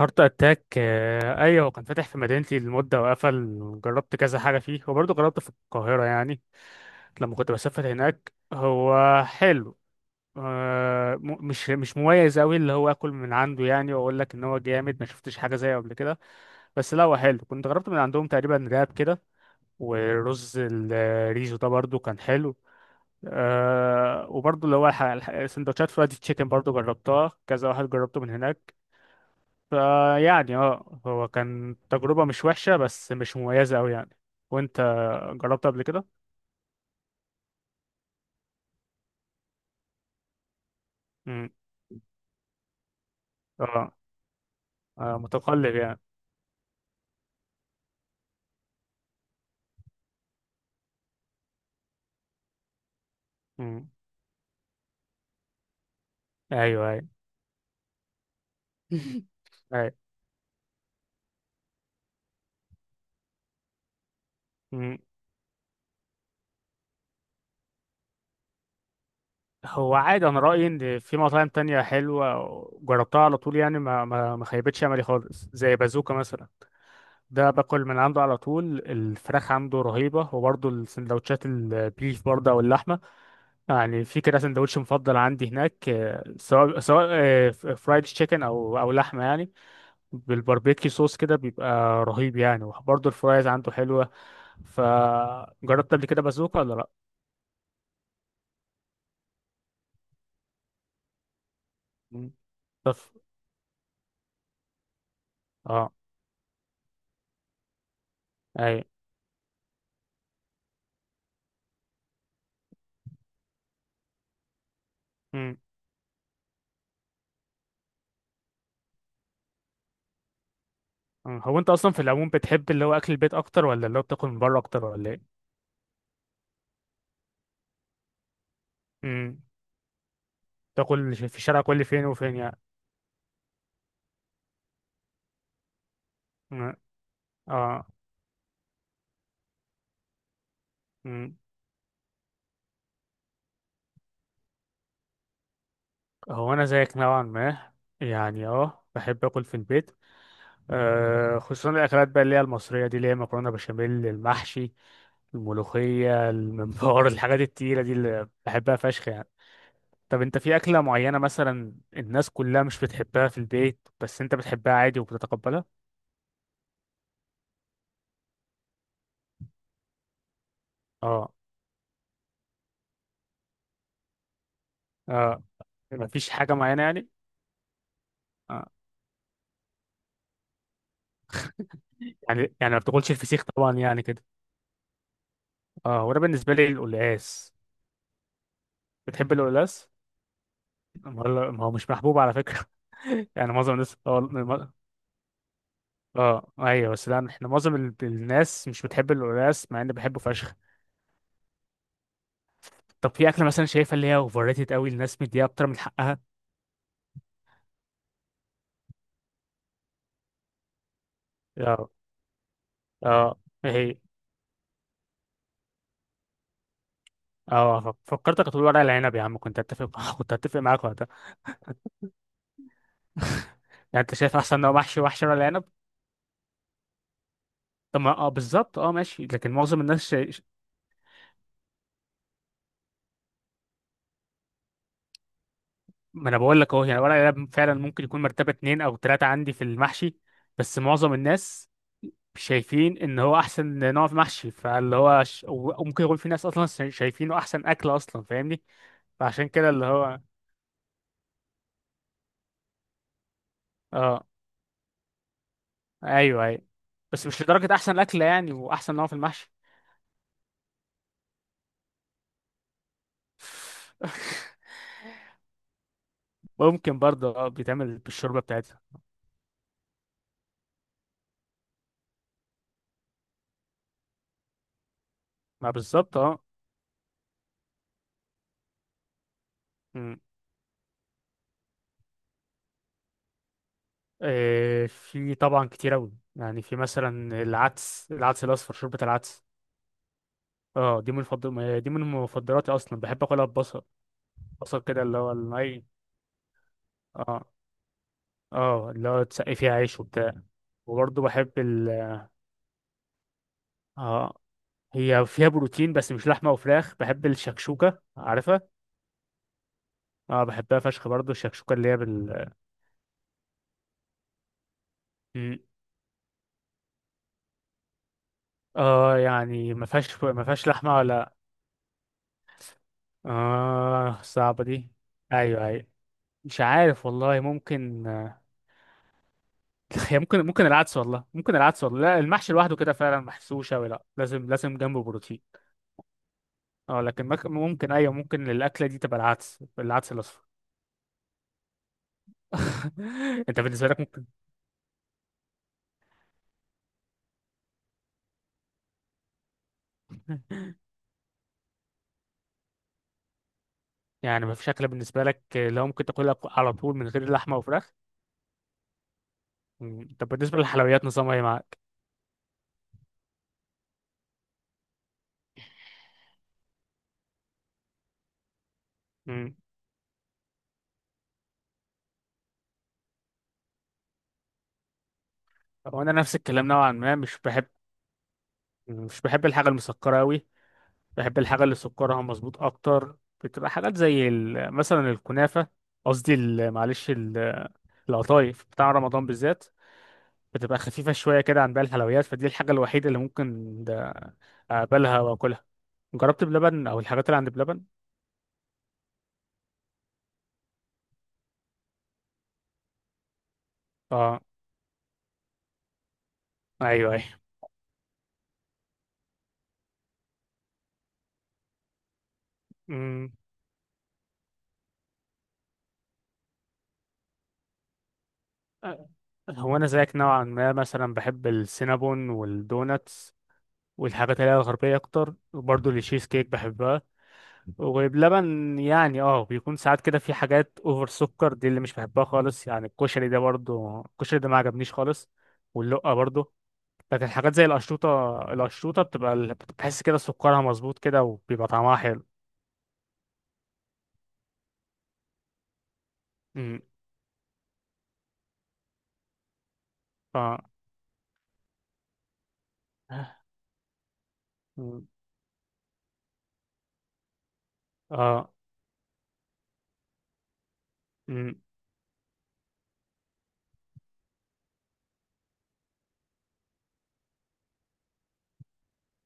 هارت اتاك. آه، ايوه، هو كان فاتح في مدينتي لمده وقفل. جربت كذا حاجه فيه، وبرضه جربت في القاهره يعني لما كنت بسافر هناك. هو حلو. مش مميز قوي اللي هو اكل من عنده، يعني واقول لك ان هو جامد ما شفتش حاجه زيه قبل كده. بس لا، هو حلو. كنت جربت من عندهم تقريبا راب كده. ورز الريزو ده برضه كان حلو. وبرضه اللي هو سندوتشات فرايد تشيكن برضه جربتها، كذا واحد جربته من هناك. فيعني هو كان تجربة مش وحشة، بس مش مميزة أوي يعني. وأنت جربت قبل كده؟ امم. اه. آه، متقلب يعني. امم. أيوه، أيوه. أيوه. امم. هو عادي، أنا رأيي إن في مطاعم تانية حلوة جربتها على طول، يعني ما خيبتش أملي خالص، زي بازوكا مثلا. ده باكل من عنده على طول، الفراخ عنده رهيبة، وبرضه السندوتشات البيف برضه أو اللحمة يعني. في كده سندوتش مفضل عندي هناك، سواء فرايد تشيكن او لحمه يعني. بالباربيكيو صوص كده بيبقى رهيب يعني، وبرضه الفرايز عنده حلوه. فجربت قبل كده بازوكا ولا لا؟ مم. طب. اه. اي. مم. مم. هو انت اصلا في العموم بتحب اللي هو اكل البيت اكتر، ولا اللي هو بتاكل من بره اكتر، ولا ايه؟ مم. تاكل في الشارع كل فين وفين يعني؟ مم. اه. مم. هو انا زيك نوعا ما، يعني بحب اكل في البيت. خصوصا الاكلات بقى اللي هي المصريه دي، اللي هي مكرونه بشاميل، المحشي، الملوخيه، الممبار، الحاجات التقيله دي اللي بحبها فشخ يعني. طب، انت في اكله معينه مثلا الناس كلها مش بتحبها في البيت، بس انت بتحبها عادي وبتتقبلها؟ اه. اه. مفيش حاجه معينه يعني؟ آه. يعني ما بتاكلش الفسيخ طبعا يعني كده. اه، وانا بالنسبه لي القلقاس. بتحب القلقاس؟ ما هو مش محبوب على فكره. يعني معظم الناس. اه ايوه، بس لا، احنا معظم الناس مش بتحب القلقاس، مع اني بحبه فشخ. طب في اكله مثلا شايفها اللي هي اوفر ريتد قوي، الناس مديها اكتر من حقها؟ اه. اه، هي. اه، فكرتك هتقول ورق العنب يا عم، كنت اتفق، كنت اتفق معاك وقتها. يعني انت شايف احسن نوع محشي وحشي ورق العنب؟ طب ما بالظبط، ماشي، لكن معظم الناس. ما انا بقول لك اهو، يعني ورق العنب فعلا ممكن يكون مرتبه اتنين او تلاته عندي في المحشي. بس معظم الناس شايفين ان هو احسن نوع في محشي، فاللي هو وممكن يكون في ناس اصلا شايفينه احسن اكل اصلا فاهمني. فعشان كده اللي هو. اه، ايوه ايوه، بس مش لدرجه احسن اكل يعني، واحسن نوع في المحشي. ممكن برضه بيتعمل بالشوربه بتاعتها. ما بالظبط. اه. مم. في طبعا كتير اوي، يعني في مثلا العدس، العدس الاصفر، شوربه العدس. اه، دي من مفضلاتي اصلا، بحب اكلها ببصل. بصل كده اللي هو الني. اه. اه، اللي هو تسقي فيها عيش وبتاع. وبرضه بحب. اه، هي فيها بروتين بس مش لحمة وفراخ، بحب الشكشوكة، عارفها؟ اه، بحبها فشخ برضه الشكشوكة، اللي هي. م. اه، يعني ما فيهاش لحمة ولا. اه، صعبة دي. ايوه، ايوه. مش عارف والله، ممكن. هي ممكن العدس والله، ممكن العدس والله. لا، المحشي لوحده كده فعلا محسوش اوي، لا، لازم لازم جنبه بروتين. اه، لكن ممكن، ايوه، ممكن الاكله دي تبقى العدس، العدس الاصفر. انت بالنسبه لك ممكن؟ يعني مفيش اكله بالنسبه لك اللي هو ممكن تاكلها على طول من غير لحمه وفراخ؟ مم. طب، بالنسبه للحلويات نظامها ايه معاك؟ مم. هو انا نفس الكلام نوعا ما، مش بحب الحاجه المسكره قوي. بحب الحاجه اللي سكرها مظبوط اكتر. بتبقى حاجات زي مثلا الكنافه. قصدي معلش القطايف بتاع رمضان بالذات. بتبقى خفيفه شويه كده عن باقي الحلويات، فدي الحاجه الوحيده اللي ممكن ده اقبلها واكلها. جربت بلبن، او الحاجات اللي عند بلبن؟ اه، ايوه، ايوه. أمم. أه. هو انا زيك نوعا ما مثلا، بحب السينابون والدوناتس والحاجات اللي هي الغربيه اكتر، وبرضه التشيز كيك بحبها. وبلبن يعني، بيكون ساعات كده في حاجات اوفر سكر، دي اللي مش بحبها خالص، يعني الكشري ده برضه، الكشري ده ما عجبنيش خالص. واللقه برضه. لكن حاجات زي القشطوطه، القشطوطه بتبقى بتحس كده سكرها مظبوط كده، وبيبقى طعمها حلو. أمم. اه. أمم. اه. أمم.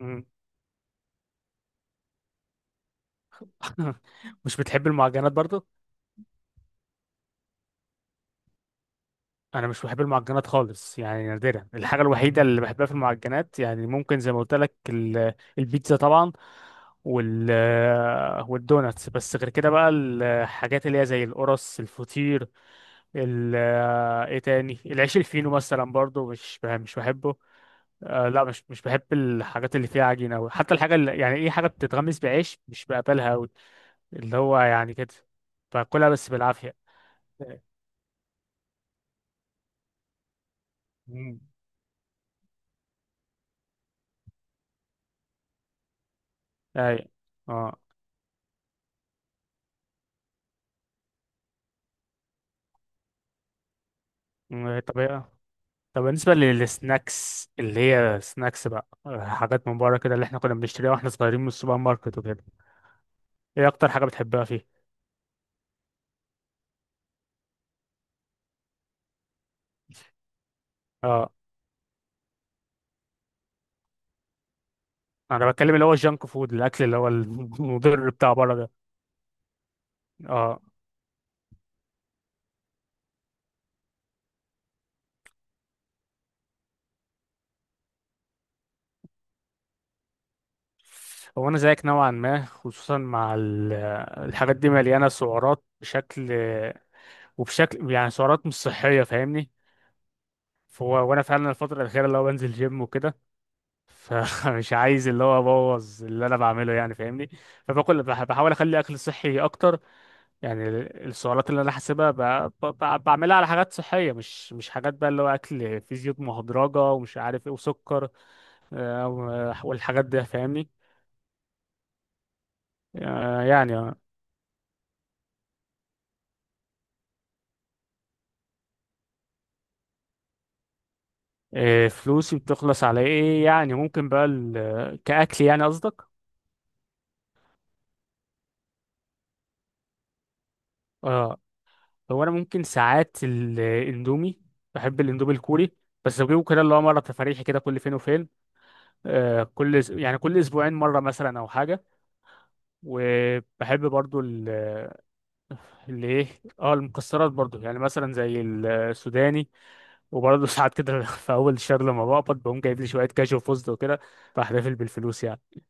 أمم. مش بتحب المعجنات برضه؟ انا مش بحب المعجنات خالص، يعني نادرا، الحاجه الوحيده اللي بحبها في المعجنات يعني ممكن زي ما قلت لك البيتزا طبعا. وال والدوناتس، بس غير كده بقى الحاجات اللي هي زي القرص، الفطير. ال ايه تاني، العيش الفينو مثلا برضو مش بحبه. لا، مش بحب الحاجات اللي فيها عجينه قوي، حتى الحاجه اللي يعني ايه، حاجه بتتغمس بعيش، مش بقبلها قوي. اللي هو يعني كده. باكلها بس بالعافيه. مم. اي. اه. مم. طب إيه؟ طب، بالنسبة للسناكس، اللي هي سناكس بقى حاجات من بره كده اللي احنا كنا بنشتريها واحنا صغيرين من السوبر ماركت وكده. ايه اكتر حاجة بتحبها فيه؟ اه، انا بتكلم اللي هو الجانك فود، الاكل اللي هو المضر بتاع بره ده. اه، هو انا زيك نوعا ما، خصوصا مع الحاجات دي مليانة سعرات بشكل، وبشكل يعني سعرات مش صحية، فاهمني؟ فهو وانا فعلا الفترة الأخيرة اللي هو بنزل جيم وكده، فمش عايز اللي هو ابوظ اللي انا بعمله يعني، فاهمني. فباكل، بحاول اخلي اكل صحي اكتر. يعني السعرات اللي انا حاسبها بعملها على حاجات صحيه، مش حاجات بقى اللي هو اكل فيه زيوت مهدرجه ومش عارف ايه وسكر. والحاجات دي فاهمني. آه، يعني آه. آه، فلوسي بتخلص على ايه يعني، ممكن بقى كاكل يعني قصدك؟ اه. هو انا ممكن ساعات الاندومي. بحب الاندومي الكوري. بس بجيبه كده اللي هو مره تفاريحي كده، كل فين وفين. آه، كل أس- يعني كل اسبوعين مره مثلا او حاجه. وبحب برضو. اللي ايه. اه، المكسرات برضو، يعني مثلا زي السوداني. وبرضو ساعات كده في اول الشهر لما بقبض بقوم جايب لي شويه كاجو فوزد وكده. بحتفل بالفلوس يعني.